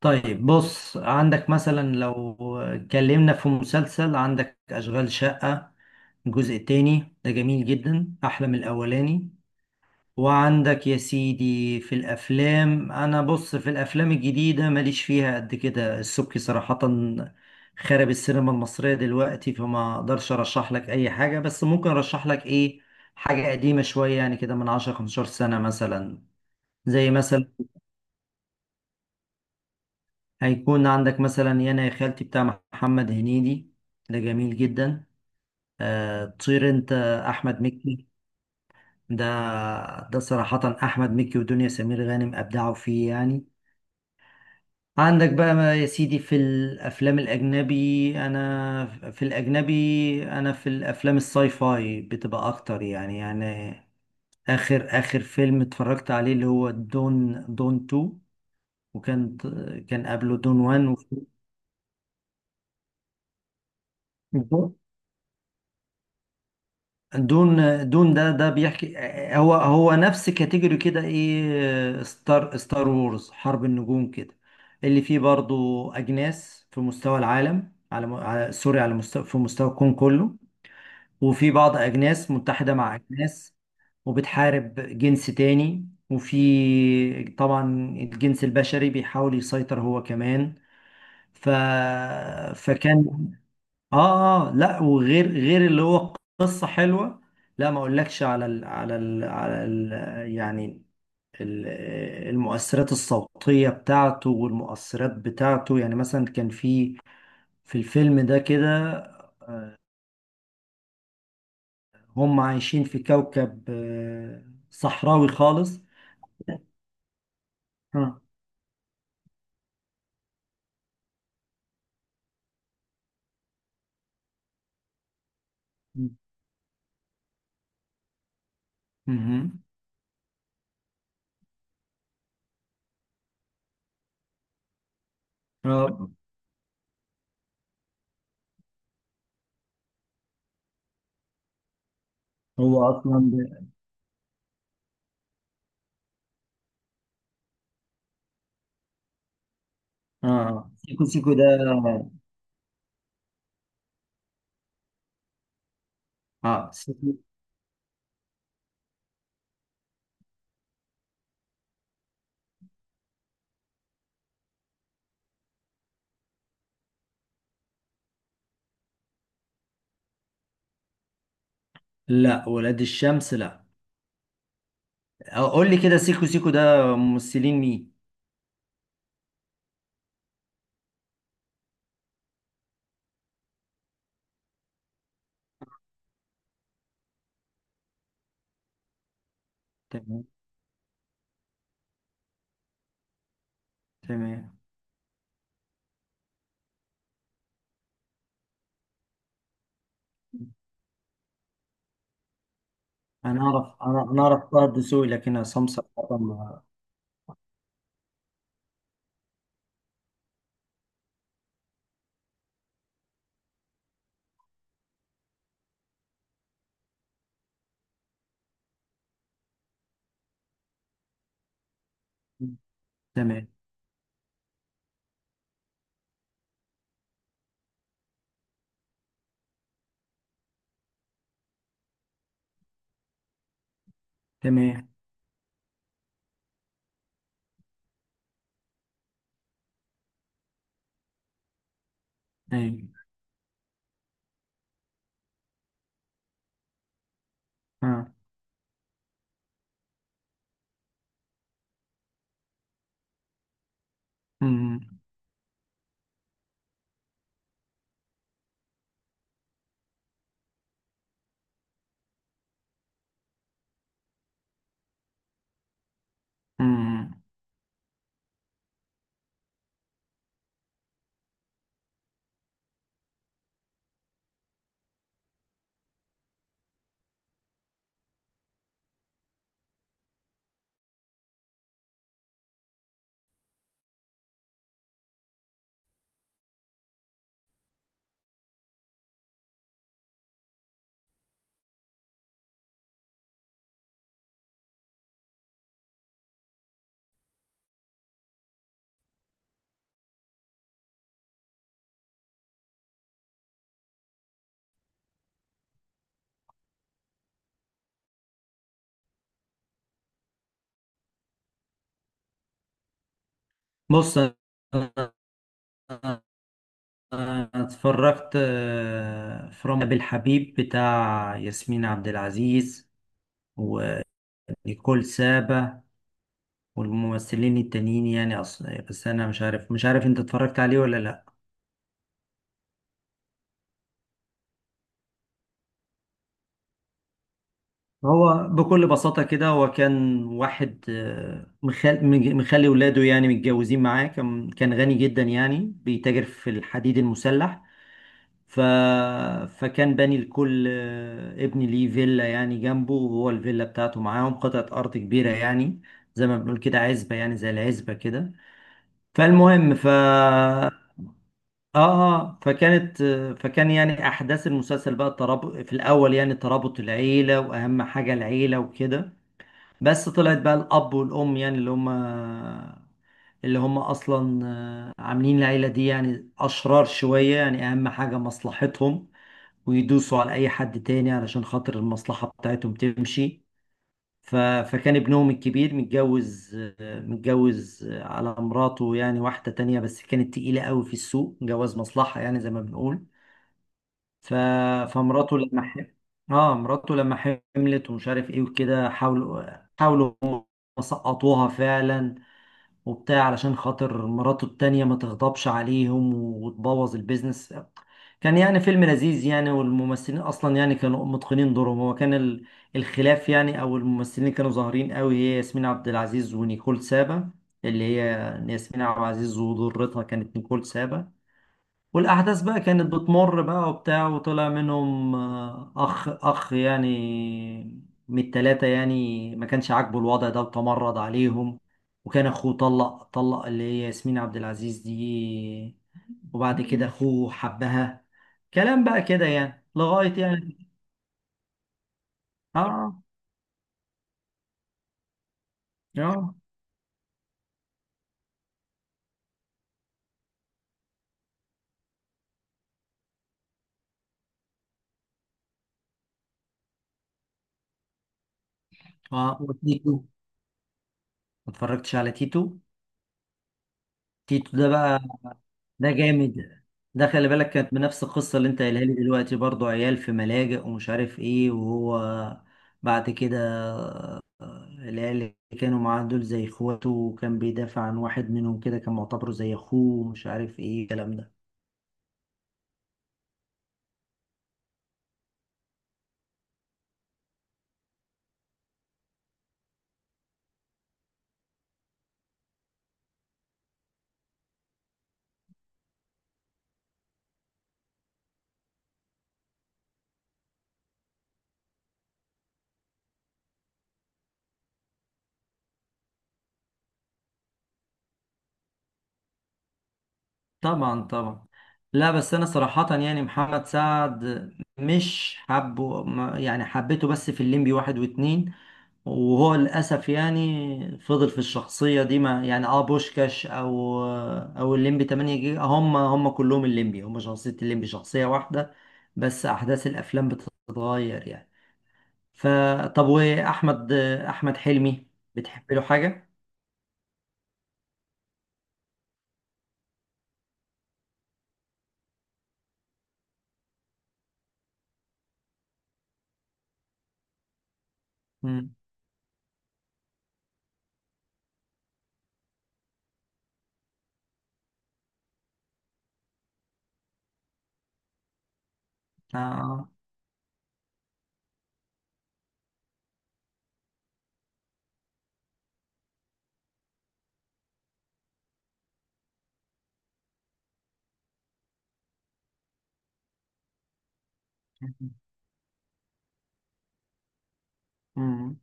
طيب، بص، عندك مثلا لو اتكلمنا في مسلسل، عندك أشغال شقة، الجزء التاني ده جميل جدا، أحلى من الأولاني. وعندك يا سيدي في الأفلام، أنا بص في الأفلام الجديدة ماليش فيها قد كده. السبكي صراحة خرب السينما المصرية دلوقتي، فما أقدرش أرشح لك أي حاجة، بس ممكن أرشح لك إيه، حاجة قديمة شوية يعني، كده من 10 15 سنة مثلا. زي مثلا هيكون عندك مثلا يانا يا خالتي بتاع محمد هنيدي، ده جميل جدا. طير انت، احمد مكي، ده ده صراحة احمد مكي ودنيا سمير غانم ابدعوا فيه يعني. عندك بقى ما يا سيدي في الافلام الاجنبي، انا في الاجنبي، انا في الافلام الساي فاي بتبقى اكتر يعني اخر فيلم اتفرجت عليه اللي هو دون، دون 2، وكان قبله دون 1. و دون دون ده بيحكي. هو نفس كاتيجوري كده، ايه، ستار وورز، حرب النجوم كده، اللي فيه برضو اجناس في مستوى العالم على م- على- سوري على مستوى في مستوى الكون كله، وفي بعض اجناس متحدة مع اجناس وبتحارب جنس تاني. وفي طبعا الجنس البشري بيحاول يسيطر هو كمان. ف... فكان، اه لا، وغير غير اللي هو قصة حلوة. لا، ما اقولكش على يعني ال- المؤثرات الصوتية بتاعته والمؤثرات بتاعته. يعني مثلا كان في الفيلم ده كده هم عايشين في كوكب صحراوي خالص. اه، مهم. اه، هو اصلا اه، سيكو سيكو ده. اه سيكو. لا، ولاد الشمس، لا. قول لي كده، سيكو سيكو ده ممثلين مين؟ تمام، تمام. انا اعرف، انا اعرف طه الدسوقي، لكن عصام صراحة تمام، تمام. ايوه. اه. أمم، أمم. بص، انا اتفرجت في رامي بالحبيب بتاع ياسمين عبد العزيز ونيكول سابا والممثلين التانيين يعني اصلا، بس انا مش عارف انت اتفرجت عليه ولا لا. هو بكل بساطة كده، هو كان واحد مخلي ولاده يعني متجوزين معاه، كان غني جدا يعني، بيتاجر في الحديد المسلح. ف... فكان باني لكل ابن ليه فيلا يعني جنبه، وهو الفيلا بتاعته معاهم قطعة أرض كبيرة يعني، زي ما بنقول كده عزبة يعني، زي العزبة كده. فالمهم، ف اه آه، فكانت آه، فكان يعني احداث المسلسل بقى الترابط في الاول، يعني ترابط العيله، واهم حاجه العيله وكده. بس طلعت بقى الأب والأم يعني، اللي هم اصلا عاملين العيله دي يعني اشرار شويه يعني، اهم حاجه مصلحتهم، ويدوسوا على اي حد تاني علشان خاطر المصلحه بتاعتهم تمشي. فكان ابنهم الكبير متجوز، على مراته، يعني واحده تانية، بس كانت تقيله قوي في السوق، جواز مصلحه يعني زي ما بنقول. ف... فمراته لما ح... اه مراته لما حملت ومش عارف ايه وكده، حاولوا هم سقطوها فعلا وبتاع، علشان خاطر مراته التانية ما تغضبش عليهم وتبوظ البيزنس. كان يعني فيلم لذيذ يعني، والممثلين اصلا يعني كانوا متقنين دورهم. هو كان الخلاف يعني، او الممثلين اللي كانوا ظاهرين قوي هي ياسمين عبد العزيز ونيكول سابا، اللي هي ياسمين عبد العزيز وضرتها كانت نيكول سابا. والأحداث بقى كانت بتمر بقى وبتاع، وطلع منهم أخ يعني من التلاتة، يعني ما كانش عاجبه الوضع ده وتمرد عليهم. وكان أخوه طلق اللي هي ياسمين عبد العزيز دي، وبعد كده أخوه حبها. كلام بقى كده يعني لغاية يعني، آه آه آه، وتيتو. ما اتفرجتش على تيتو. تيتو ده بقى، ده جامد. ده خلي بالك كانت بنفس القصة اللي انت قايلها لي دلوقتي برضو، عيال في ملاجئ ومش عارف ايه، وهو بعد كده، العيال اللي كانوا معاه دول زي اخواته، وكان بيدافع عن واحد منهم كده، كان معتبره زي اخوه، ومش عارف ايه الكلام ده. طبعا، طبعا. لا بس انا صراحة يعني محمد سعد مش حبه، يعني حبيته بس في الليمبي واحد واتنين، وهو للأسف يعني فضل في الشخصية دي. ما يعني، اه، بوشكاش أو الليمبي 8 جيجا، هم كلهم الليمبي، هم شخصية، الليمبي شخصية واحدة، بس أحداث الأفلام بتتغير يعني. فطب، وأحمد حلمي بتحب له حاجة؟ مم. آه. مم.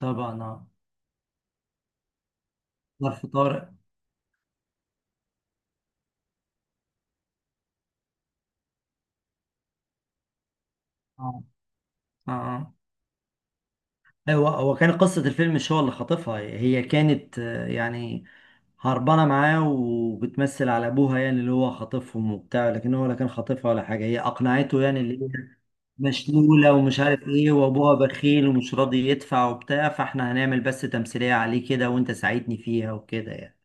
طبعا. اه ظرف طارق. اه اه هو كان قصة الفيلم، مش هو اللي خاطفها، هي كانت يعني هربانة معاه وبتمثل على أبوها، يعني اللي هو خاطفهم وبتاع، لكن هو لا كان خاطفها ولا حاجة، هي أقنعته، يعني اللي هي مشلولة ومش عارف إيه، وأبوها بخيل ومش راضي يدفع وبتاع، فإحنا هنعمل بس تمثيلية عليه كده، وأنت ساعدني فيها وكده يعني.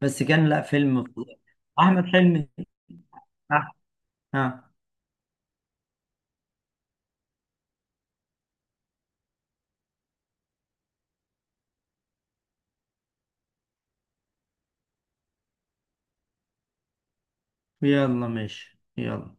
بس كان، لا، فيلم فظيع. أحمد حلمي. أح- آه. يلا، ماشي، يلا.